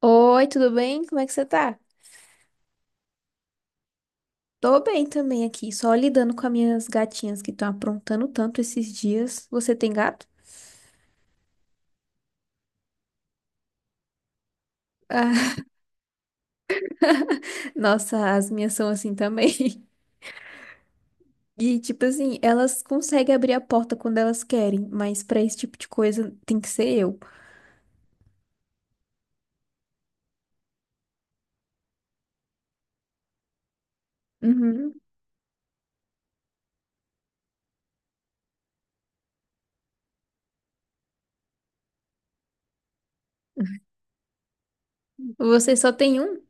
Oi, tudo bem? Como é que você tá? Tô bem também aqui, só lidando com as minhas gatinhas que estão aprontando tanto esses dias. Você tem gato? Ah, nossa, as minhas são assim também. E tipo assim, elas conseguem abrir a porta quando elas querem, mas pra esse tipo de coisa tem que ser eu. Uhum. Você só tem um?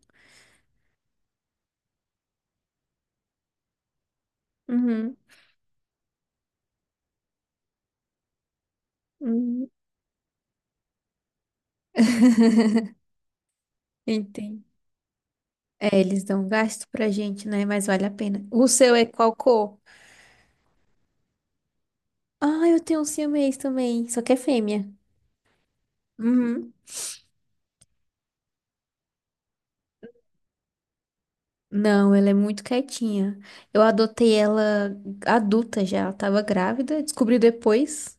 Uhum. Uhum. Entendo. É, eles dão gasto pra gente, né? Mas vale a pena. O seu é qual cor? Ah, eu tenho um siamês também, só que é fêmea. Uhum. Não, ela é muito quietinha. Eu adotei ela adulta já, ela tava grávida, descobri depois.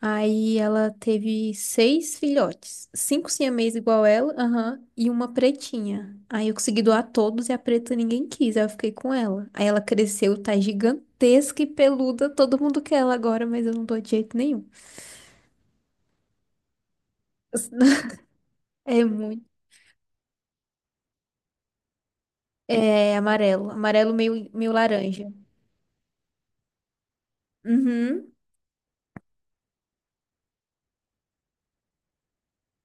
Aí ela teve seis filhotes, cinco siamês igual ela, aham, e uma pretinha. Aí eu consegui doar todos e a preta ninguém quis, aí eu fiquei com ela. Aí ela cresceu, tá gigantesca e peluda, todo mundo quer ela agora, mas eu não dou de jeito nenhum. É muito, é amarelo, amarelo meio, meio laranja. Uhum.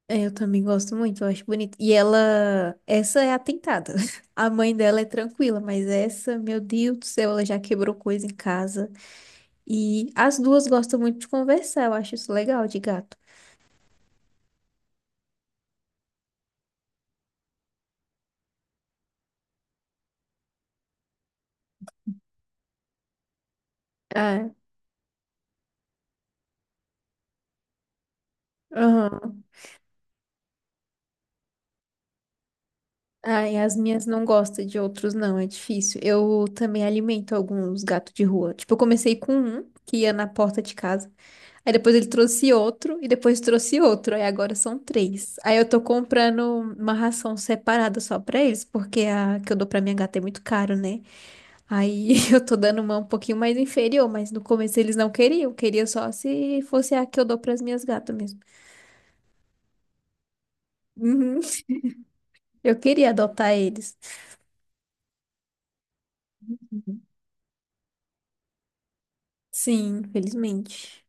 É, eu também gosto muito, eu acho bonito. E ela, essa é atentada. A mãe dela é tranquila, mas essa, meu Deus do céu, ela já quebrou coisa em casa. E as duas gostam muito de conversar, eu acho isso legal de gato. Ah, aham. Ah, e as minhas não gostam de outros, não, é difícil. Eu também alimento alguns gatos de rua. Tipo, eu comecei com um que ia na porta de casa. Aí depois ele trouxe outro e depois trouxe outro. Aí agora são três. Aí eu tô comprando uma ração separada só pra eles, porque a que eu dou pra minha gata é muito caro, né? Aí eu tô dando uma um pouquinho mais inferior, mas no começo eles não queriam. Queria só se fosse a que eu dou pras minhas gatas mesmo. Uhum. Eu queria adotar eles. Sim, felizmente.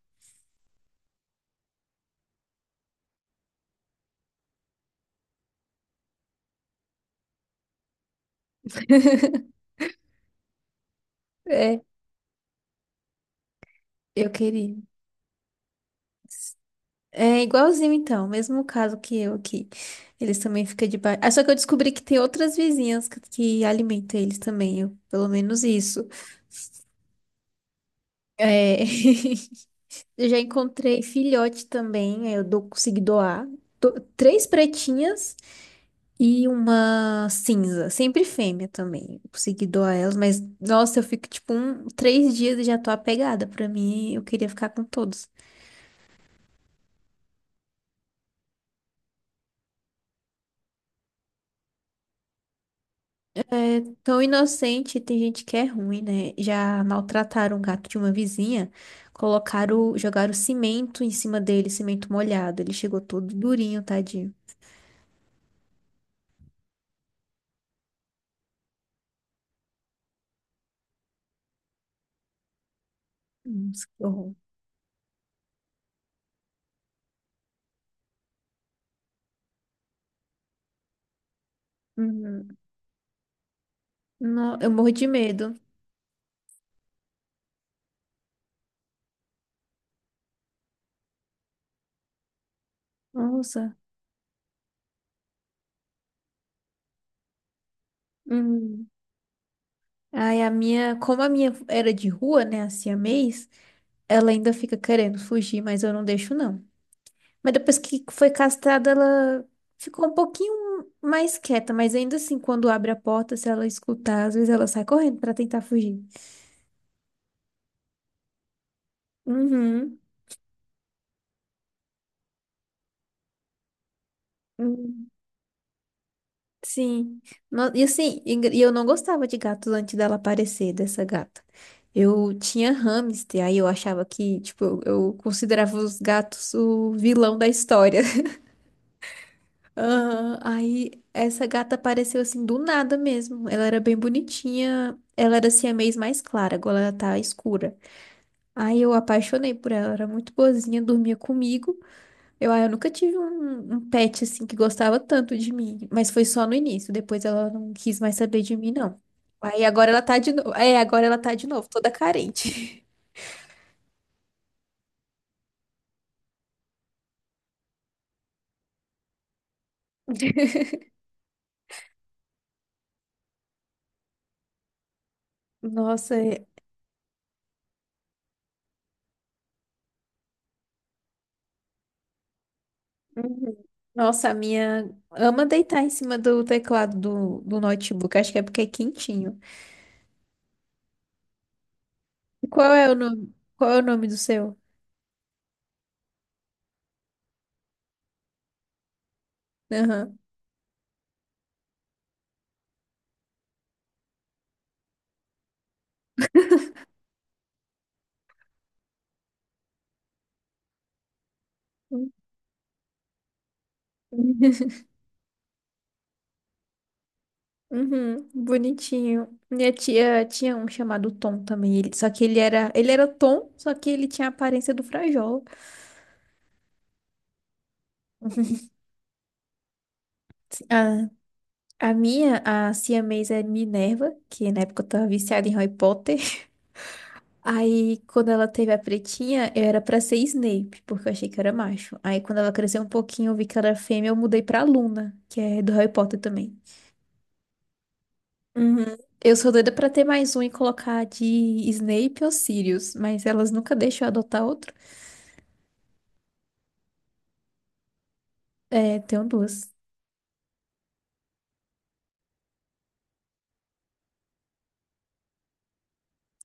É, eu queria. É igualzinho então, mesmo caso que eu aqui. Eles também ficam debaixo. Ah, só que eu descobri que tem outras vizinhas que alimentam eles também, pelo menos isso. É, eu já encontrei filhote também, aí eu dou, consegui doar. Três pretinhas e uma cinza, sempre fêmea também. Eu consegui doar elas, mas nossa, eu fico tipo um, 3 dias e já tô apegada. Pra mim, eu queria ficar com todos. É tão inocente, tem gente que é ruim, né? Já maltrataram o gato de uma vizinha, jogaram cimento em cima dele, cimento molhado. Ele chegou todo durinho, tadinho. Nossa, que horror. Uhum. Eu morro de medo. Nossa. Uhum. Aí a minha, como a minha era de rua, né, a siamês, ela ainda fica querendo fugir, mas eu não deixo, não. Mas depois que foi castrada, ela ficou um pouquinho mais quieta, mas ainda assim, quando abre a porta, se ela escutar, às vezes ela sai correndo pra tentar fugir. Uhum. Hum. Sim. E assim, e eu não gostava de gatos antes dela aparecer, dessa gata. Eu tinha hamster, aí eu achava que, tipo, eu considerava os gatos o vilão da história. Aham. Aí essa gata apareceu assim do nada mesmo. Ela era bem bonitinha. Ela era siamês mais clara, agora ela tá escura. Aí eu apaixonei por ela, era muito boazinha, dormia comigo. Eu nunca tive um pet assim que gostava tanto de mim, mas foi só no início. Depois ela não quis mais saber de mim, não. Aí agora ela tá de novo. É, agora ela tá de novo, toda carente. Nossa, é. Uhum. Nossa, a minha ama deitar em cima do teclado do notebook. Acho que é porque é quentinho. E qual é o nome? Qual é o nome do seu? Aham. Uhum, bonitinho. Minha tia tinha um chamado Tom também. Ele, só que ele era Tom, só que ele tinha a aparência do Frajola. A, a minha, a siamesa é Minerva, que na época eu tava viciada em Harry Potter. Aí, quando ela teve a pretinha, eu era pra ser Snape, porque eu achei que era macho. Aí, quando ela cresceu um pouquinho, eu vi que ela era fêmea, eu mudei pra Luna, que é do Harry Potter também. Uhum. Eu sou doida pra ter mais um e colocar de Snape ou Sirius, mas elas nunca deixam eu adotar outro. É, tenho duas.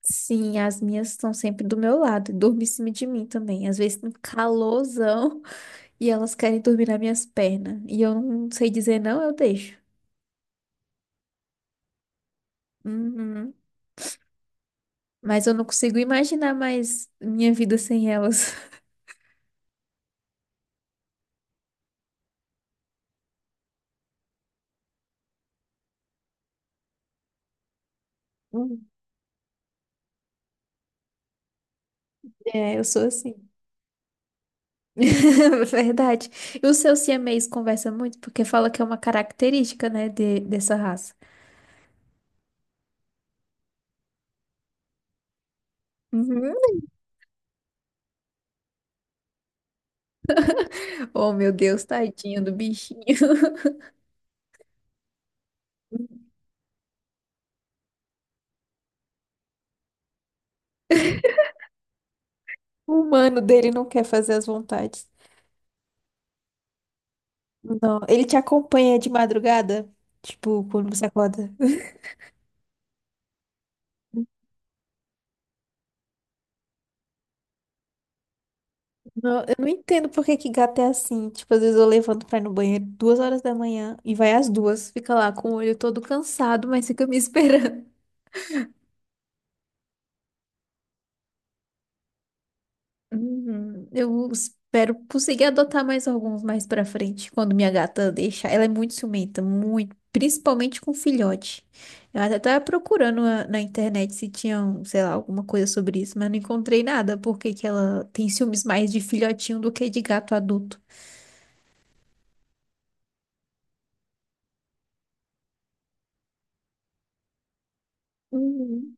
Sim, as minhas estão sempre do meu lado, dormem em cima de mim também. Às vezes, um calorzão, e elas querem dormir nas minhas pernas. E eu não sei dizer não, eu deixo. Uhum. Mas eu não consigo imaginar mais minha vida sem elas. Hum. É, eu sou assim. Verdade. E o seu siamês conversa muito porque fala que é uma característica, né, dessa raça. Uhum. Oh, meu Deus, tadinho do bichinho. O humano dele não quer fazer as vontades. Não, ele te acompanha de madrugada? Tipo, quando você acorda. Não, eu não entendo por que que gato é assim. Tipo, às vezes eu levanto pra ir no banheiro 2 horas da manhã e vai às 2, fica lá com o olho todo cansado, mas fica me esperando. Uhum. Eu espero conseguir adotar mais alguns mais pra frente, quando minha gata deixar. Ela é muito ciumenta, muito, principalmente com filhote. Eu até tava procurando na internet se tinha, um, sei lá, alguma coisa sobre isso, mas não encontrei nada, porque que ela tem ciúmes mais de filhotinho do que de gato adulto. Uhum.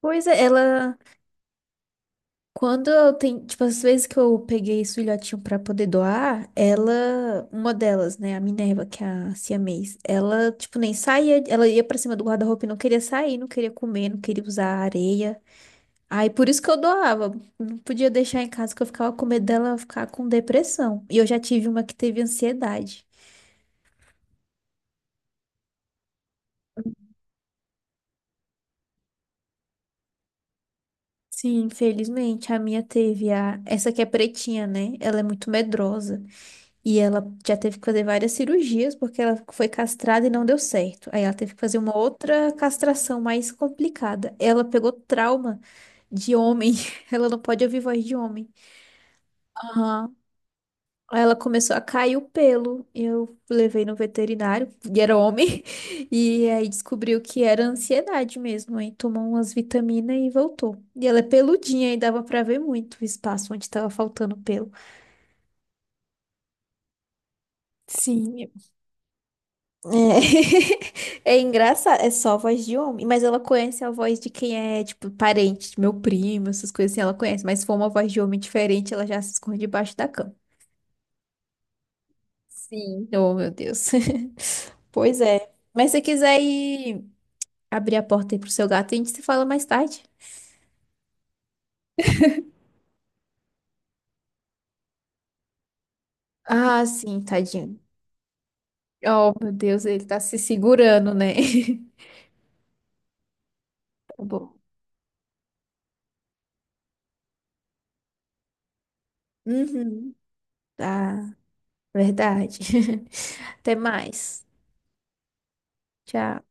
Pois é, ela. Quando eu tenho, tipo, as vezes que eu peguei esse filhotinho pra poder doar, ela, uma delas, né, a Minerva, que é a siamês, ela, tipo, nem saía, ela ia pra cima do guarda-roupa e não queria sair, não queria comer, não queria usar a areia. Aí por isso que eu doava, não podia deixar em casa que eu ficava com medo dela ficar com depressão. E eu já tive uma que teve ansiedade. Sim, infelizmente, a minha teve essa que é pretinha, né? Ela é muito medrosa. E ela já teve que fazer várias cirurgias porque ela foi castrada e não deu certo. Aí ela teve que fazer uma outra castração mais complicada. Ela pegou trauma de homem. Ela não pode ouvir voz de homem. Aham. Aí ela começou a cair o pelo. Eu levei no veterinário, e era homem. E aí descobriu que era ansiedade mesmo. Aí tomou umas vitaminas e voltou. E ela é peludinha e dava pra ver muito o espaço onde tava faltando pelo. Sim. É, é engraçado, é só a voz de homem, mas ela conhece a voz de quem é, tipo, parente, de meu primo, essas coisas assim, ela conhece, mas se for uma voz de homem diferente, ela já se esconde debaixo da cama. Sim. Oh, meu Deus. Pois é. Mas se você quiser ir abrir a porta aí pro seu gato, a gente se fala mais tarde. Ah, sim, tadinho. Oh, meu Deus, ele tá se segurando, né? Tá bom. Uhum. Tá, verdade. Até mais. Tchau.